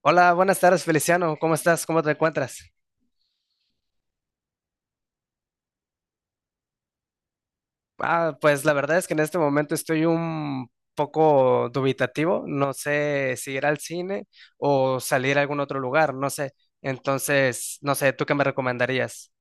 Hola, buenas tardes, Feliciano. ¿Cómo estás? ¿Cómo te encuentras? Ah, pues la verdad es que en este momento estoy un poco dubitativo. No sé si ir al cine o salir a algún otro lugar, no sé. Entonces, no sé, ¿tú qué me recomendarías?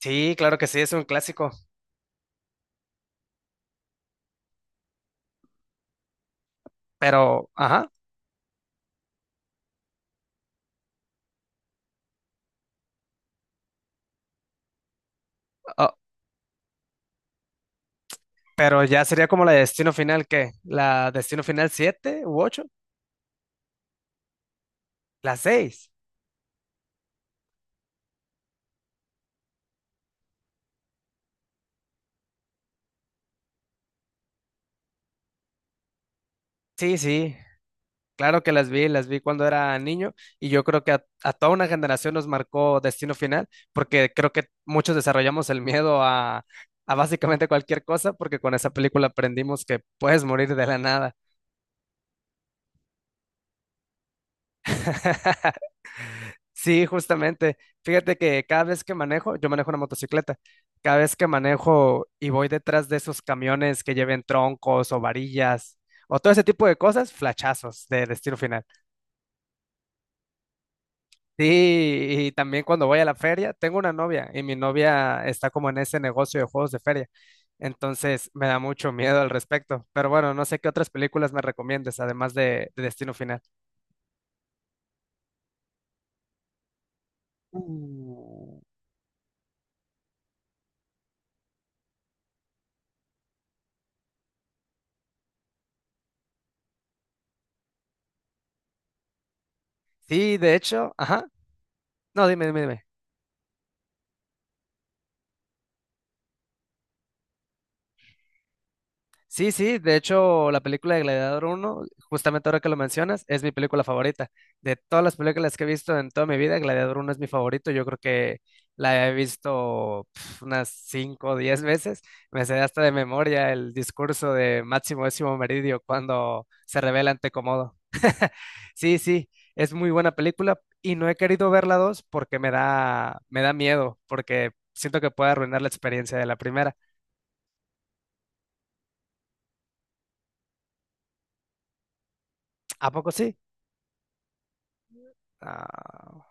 Sí, claro que sí, es un clásico, pero, ajá, ah, pero ya sería como la de Destino Final, ¿qué? ¿La Destino Final 7 u 8. ¿La 6. Sí, sí. Claro que las vi cuando era niño y yo creo que a toda una generación nos marcó Destino Final porque creo que muchos desarrollamos el miedo a básicamente cualquier cosa porque con esa película aprendimos que puedes morir de la nada. Sí, justamente. Fíjate que cada vez que manejo, yo manejo una motocicleta, cada vez que manejo y voy detrás de esos camiones que lleven troncos o varillas o todo ese tipo de cosas, flachazos de Destino Final. Sí, y también cuando voy a la feria, tengo una novia y mi novia está como en ese negocio de juegos de feria. Entonces me da mucho miedo al respecto. Pero bueno, no sé qué otras películas me recomiendes, además de Destino Final. Uh, Sí, de hecho, ajá. No, dime, dime, dime. Sí, sí, de hecho, la película de Gladiador uno, justamente ahora que lo mencionas, es mi película favorita. De todas las películas que he visto en toda mi vida, Gladiador uno es mi favorito. Yo creo que la he visto pf, unas 5 o 10 veces. Me sé hasta de memoria el discurso de Máximo Décimo Meridio cuando se revela ante Comodo. Sí, sí, es muy buena película y no he querido ver la 2 porque me da miedo, porque siento que puede arruinar la experiencia de la primera. ¿A poco sí? Ah,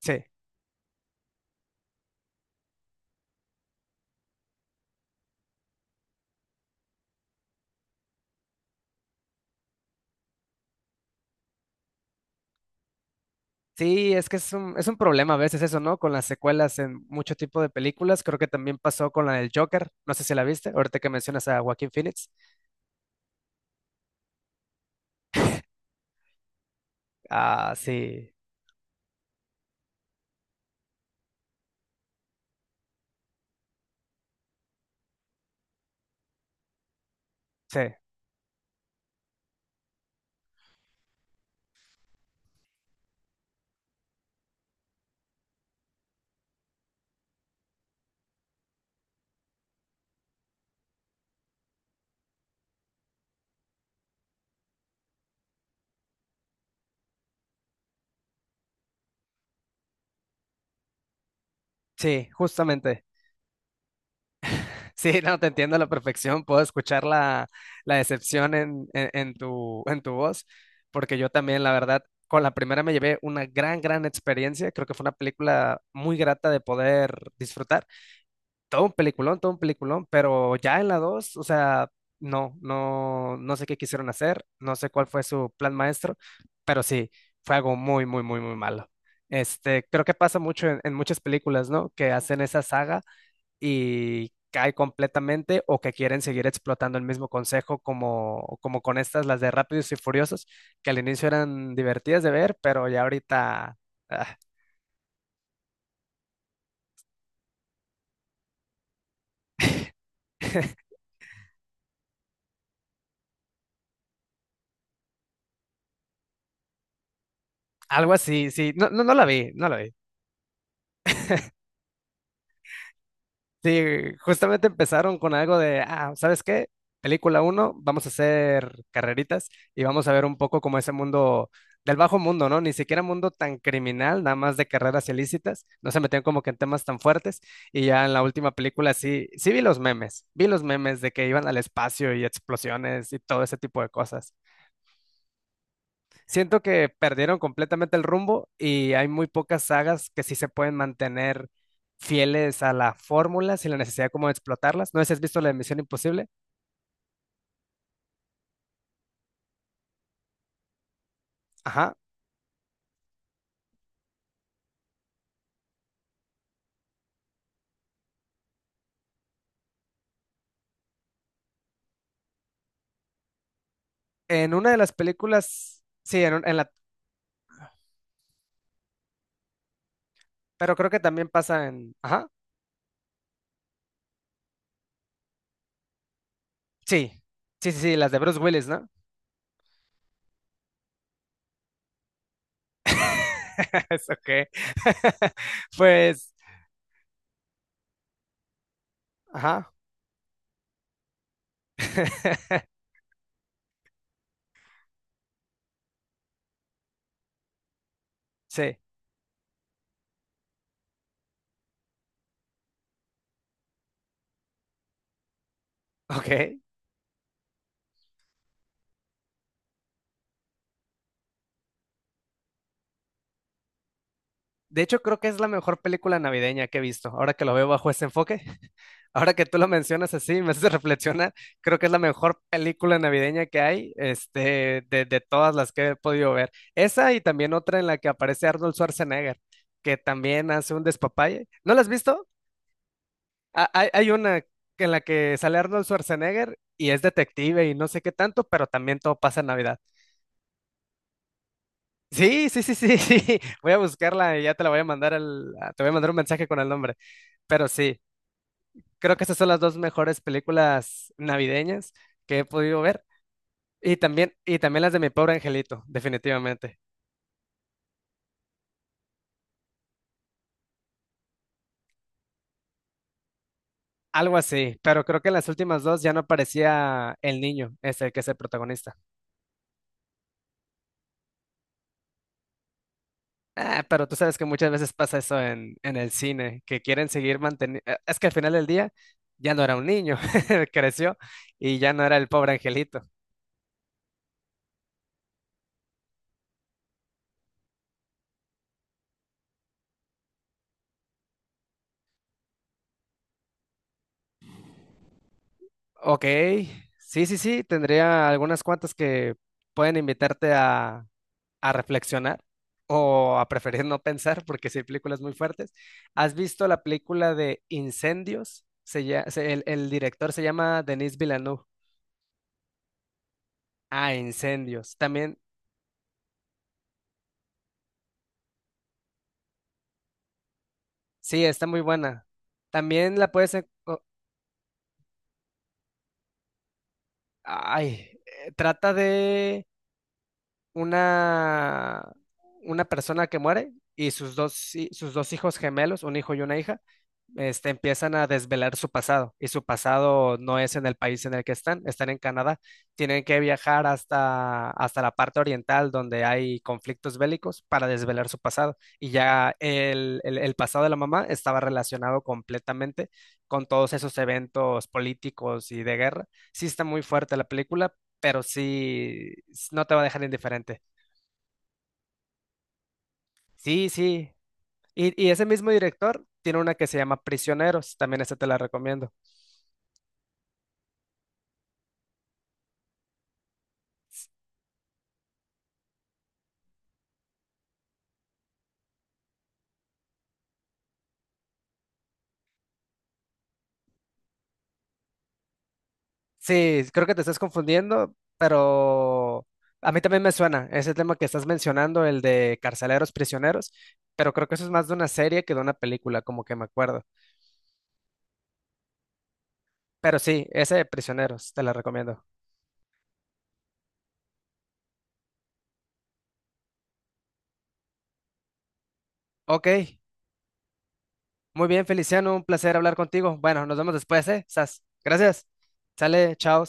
sí. Sí, es que es un problema a veces eso, ¿no? Con las secuelas en mucho tipo de películas. Creo que también pasó con la del Joker. No sé si la viste, ahorita que mencionas a Joaquín Phoenix. Ah, sí, sí, sí, justamente. Sí, no, te entiendo a la perfección. Puedo escuchar la, la decepción en tu voz, porque yo también, la verdad, con la primera me llevé una gran, gran experiencia. Creo que fue una película muy grata de poder disfrutar. Todo un peliculón, todo un peliculón, pero ya en la 2 o sea, no, no, no sé qué quisieron hacer, no sé cuál fue su plan maestro, pero sí, fue algo muy, muy, muy, muy malo. Este, creo que pasa mucho en muchas películas, ¿no? Que hacen esa saga y cae completamente o que quieren seguir explotando el mismo consejo como, como con estas, las de Rápidos y Furiosos, que al inicio eran divertidas de ver, pero ya ahorita... ah, algo así, sí, no, no, no la vi, no la vi. Sí, justamente empezaron con algo de, ah, ¿sabes qué? Película uno, vamos a hacer carreritas y vamos a ver un poco como ese mundo del bajo mundo, ¿no? Ni siquiera mundo tan criminal, nada más de carreras ilícitas, no se metían como que en temas tan fuertes y ya en la última película sí, sí vi los memes de que iban al espacio y explosiones y todo ese tipo de cosas. Siento que perdieron completamente el rumbo y hay muy pocas sagas que sí se pueden mantener fieles a la fórmula sin la necesidad como de explotarlas. No sé si has visto la de Misión Imposible. Ajá. En una de las películas, sí, en, un- en la, pero creo que también pasa en, ajá, sí, sí, sí, sí, las de Bruce Willis, ¿no? Es OK. Pues, ajá. Sí, ok. De hecho, creo que es la mejor película navideña que he visto, ahora que lo veo bajo ese enfoque. Ahora que tú lo mencionas así, me hace reflexionar, creo que es la mejor película navideña que hay, este, de todas las que he podido ver. Esa y también otra en la que aparece Arnold Schwarzenegger, que también hace un despapalle. ¿No la has visto? Ah, hay una en la que sale Arnold Schwarzenegger y es detective y no sé qué tanto, pero también todo pasa en Navidad. Sí, sí, sí, sí, sí. Voy a buscarla y ya te la voy a mandar el, te voy a mandar un mensaje con el nombre. Pero sí, creo que esas son las dos mejores películas navideñas que he podido ver. Y también las de Mi Pobre Angelito, definitivamente. Algo así, pero creo que en las últimas dos ya no aparecía el niño, ese que es el protagonista. Ah, pero tú sabes que muchas veces pasa eso en el cine, que quieren seguir manteniendo... Es que al final del día ya no era un niño, creció y ya no era el pobre angelito. Ok, sí, sí, sí, tendría algunas cuantas que pueden invitarte a reflexionar o a preferir no pensar porque sí hay películas muy fuertes. ¿Has visto la película de Incendios? Se lla- se- el director se llama Denis Villeneuve. Ah, Incendios. También, sí, está muy buena. También la puedes... en- o- ay, trata de... una, una persona que muere y sus dos, sus dos hijos gemelos, un hijo y una hija, este, empiezan a desvelar su pasado y su pasado no es en el país en el que están, están en Canadá, tienen que viajar hasta, hasta la parte oriental donde hay conflictos bélicos para desvelar su pasado y ya el, el pasado de la mamá estaba relacionado completamente con todos esos eventos políticos y de guerra. Sí está muy fuerte la película, pero sí s- no te va a dejar indiferente. Sí, sí. Y ese mismo director tiene una que se llama Prisioneros, también esa te la recomiendo. Sí, creo que te estás confundiendo, pero a mí también me suena ese tema que estás mencionando, el de carceleros prisioneros, pero creo que eso es más de una serie que de una película, como que me acuerdo. Pero sí, ese de Prisioneros, te la recomiendo. Ok, muy bien, Feliciano, un placer hablar contigo. Bueno, nos vemos después, ¿eh? Sas. Gracias. Sale, chao.